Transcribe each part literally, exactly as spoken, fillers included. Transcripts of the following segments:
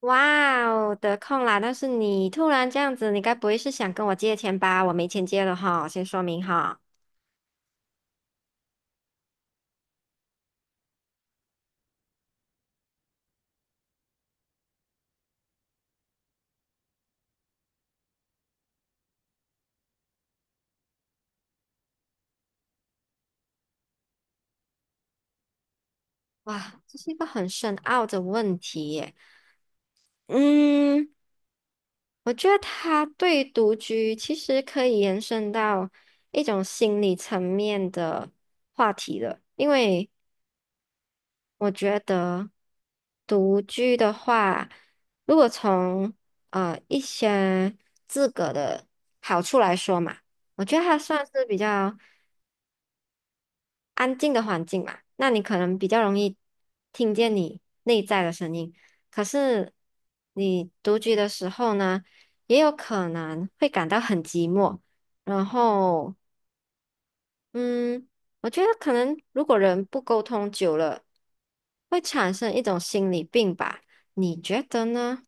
哇哦，得空啦！但是你突然这样子，你该不会是想跟我借钱吧？我没钱借了哈，先说明哈。哇，这是一个很深奥的问题耶。嗯，我觉得它对独居其实可以延伸到一种心理层面的话题了，因为我觉得独居的话，如果从呃一些自个的好处来说嘛。我觉得它算是比较安静的环境嘛，那你可能比较容易听见你内在的声音。可是你独居的时候呢，也有可能会感到很寂寞。然后，嗯，我觉得可能如果人不沟通久了，会产生一种心理病吧？你觉得呢？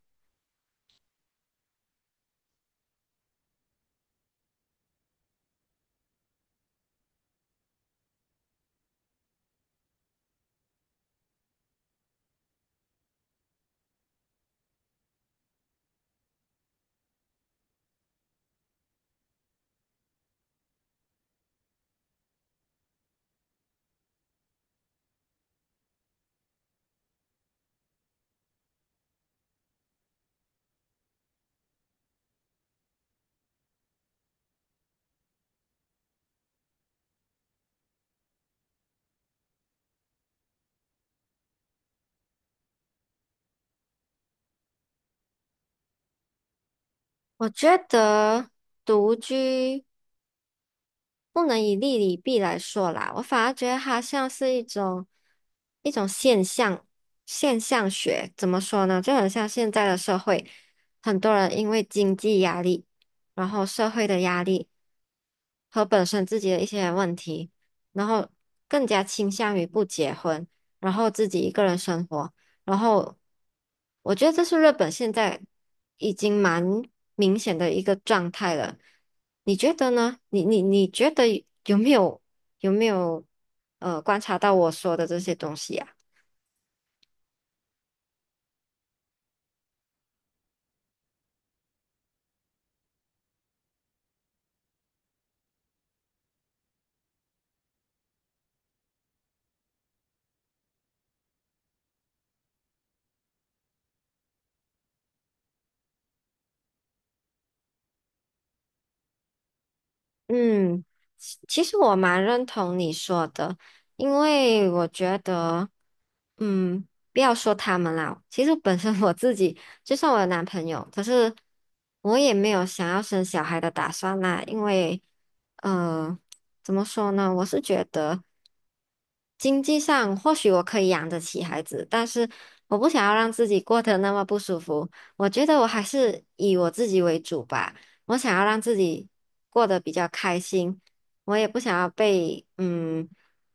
我觉得独居。不能以利与弊来说啦，我反而觉得它像是一种一种现象，现象学怎么说呢？就很像现在的社会，很多人因为经济压力，然后社会的压力。和本身自己的一些问题，然后更加倾向于不结婚，然后自己一个人生活。然后我觉得这是日本现在已经蛮明显的一个状态了。你觉得呢？你你你觉得有没有有没有呃观察到我说的这些东西啊？嗯，其其实我蛮认同你说的，因为我觉得，嗯，不要说他们啦，其实本身我自己，就算我有男朋友，可是我也没有想要生小孩的打算啦，因为，呃，怎么说呢？我是觉得。经济上或许我可以养得起孩子，但是我不想要让自己过得那么不舒服。我觉得我还是以我自己为主吧，我想要让自己过得比较开心，我也不想要被嗯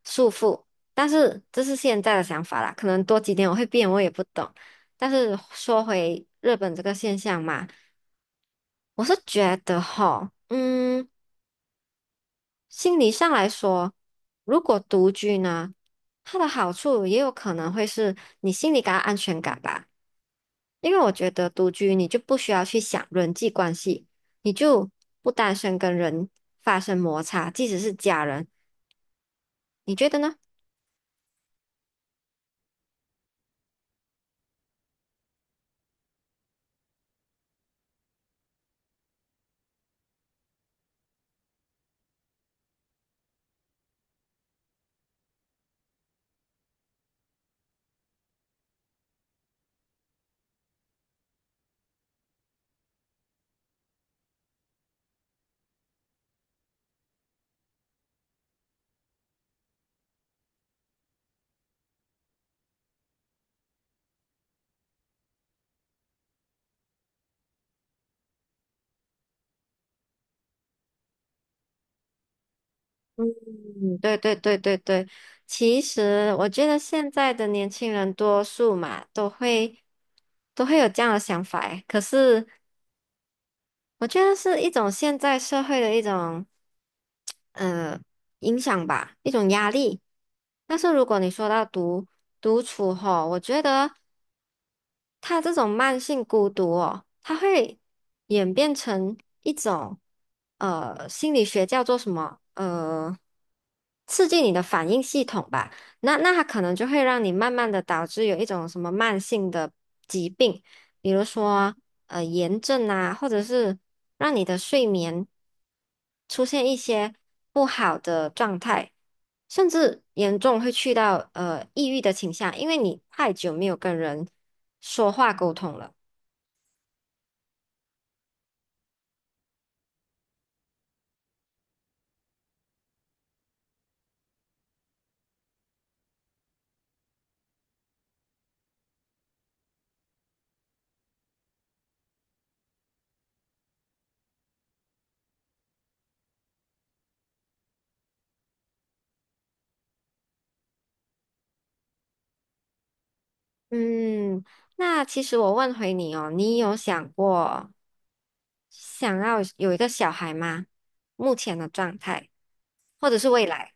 束缚。但是这是现在的想法啦，可能多几年我会变，我也不懂。但是说回日本这个现象嘛，我是觉得哈，嗯。心理上来说，如果独居呢，它的好处也有可能会是你心里感到安全感吧。因为我觉得独居你就不需要去想人际关系，你就不担心跟人发生摩擦，即使是家人，你觉得呢？嗯，对对对对对，其实我觉得现在的年轻人多数嘛，都会都会有这样的想法诶，可是。我觉得是一种现在社会的一种呃影响吧，一种压力。但是如果你说到独独处吼，我觉得他这种慢性孤独哦，它会演变成一种呃心理学叫做什么呃刺激你的反应系统吧。那那它可能就会让你慢慢的导致有一种什么慢性的疾病。比如说呃炎症啊，或者是让你的睡眠出现一些不好的状态，甚至严重会去到呃抑郁的倾向，因为你太久没有跟人说话沟通了。嗯，那其实我问回你哦，你有想过想要有一个小孩吗？目前的状态，或者是未来？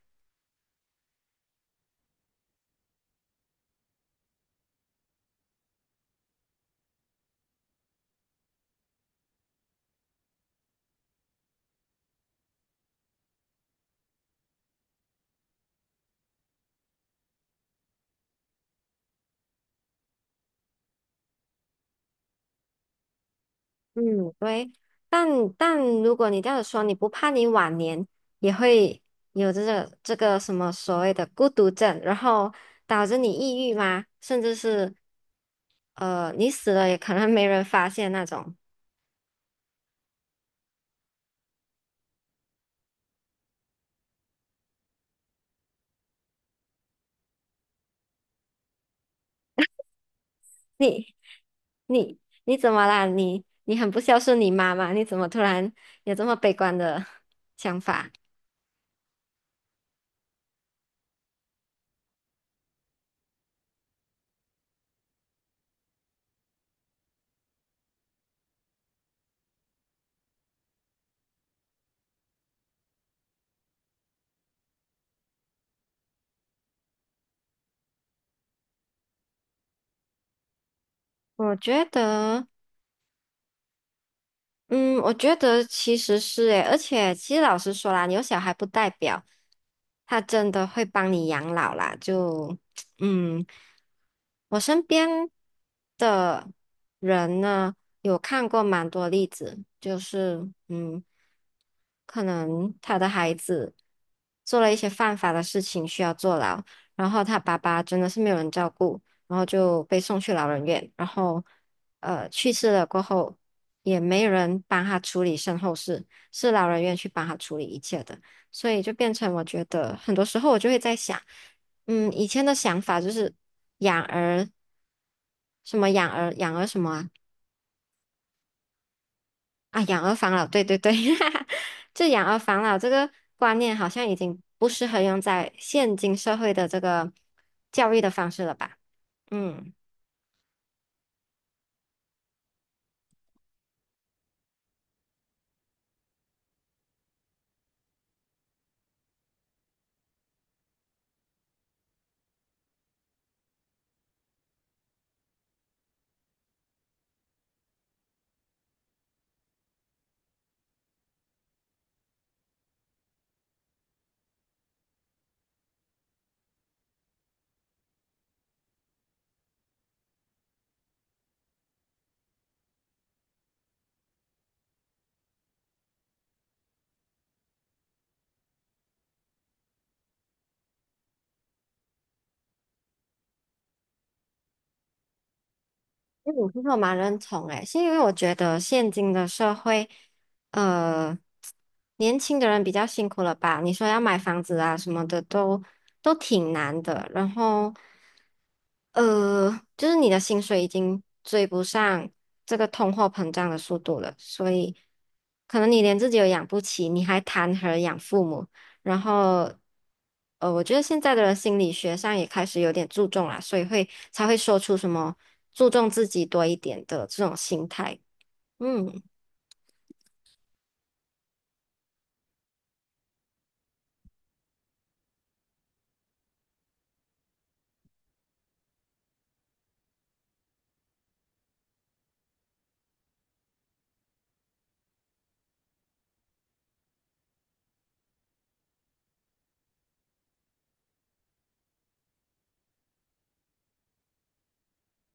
嗯，对，但但如果你这样说，你不怕你晚年也会有这个这个什么所谓的孤独症，然后导致你抑郁吗？甚至是呃，你死了也可能没人发现那种。你你你怎么啦？你你很不孝顺你妈妈，你怎么突然有这么悲观的 想法？我觉得。嗯，我觉得其实是诶，而且其实老实说啦，你有小孩不代表他真的会帮你养老啦。就 嗯，我身边的人呢，有看过蛮多例子，就是嗯，可能他的孩子做了一些犯法的事情需要坐牢，然后他爸爸真的是没有人照顾，然后就被送去老人院，然后呃去世了过后。也没人帮他处理身后事，是老人院去帮他处理一切的，所以就变成我觉得很多时候我就会在想，嗯，以前的想法就是养儿什么养儿养儿什么啊啊养儿防老，对对对，就养儿防老这个观念好像已经不适合用在现今社会的这个教育的方式了吧，嗯。嗯，其实我蛮认同诶，是因为我觉得现今的社会，呃，年轻的人比较辛苦了吧？你说要买房子啊什么的都都挺难的，然后，呃，就是你的薪水已经追不上这个通货膨胀的速度了，所以可能你连自己都养不起，你还谈何养父母？然后，呃，我觉得现在的心理学上也开始有点注重啦，所以会才会说出什么注重自己多一点的这种心态。嗯，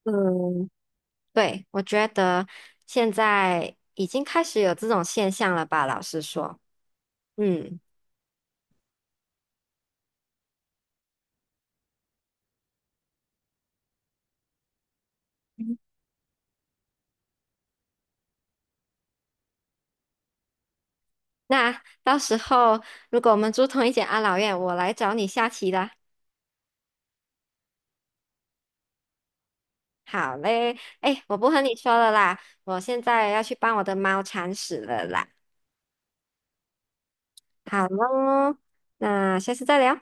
嗯，对，我觉得现在已经开始有这种现象了吧，老实说。嗯，那到时候如果我们住同一间安老院，我来找你下棋啦。好嘞，哎，我不和你说了啦，我现在要去帮我的猫铲屎了啦。好喽，那下次再聊。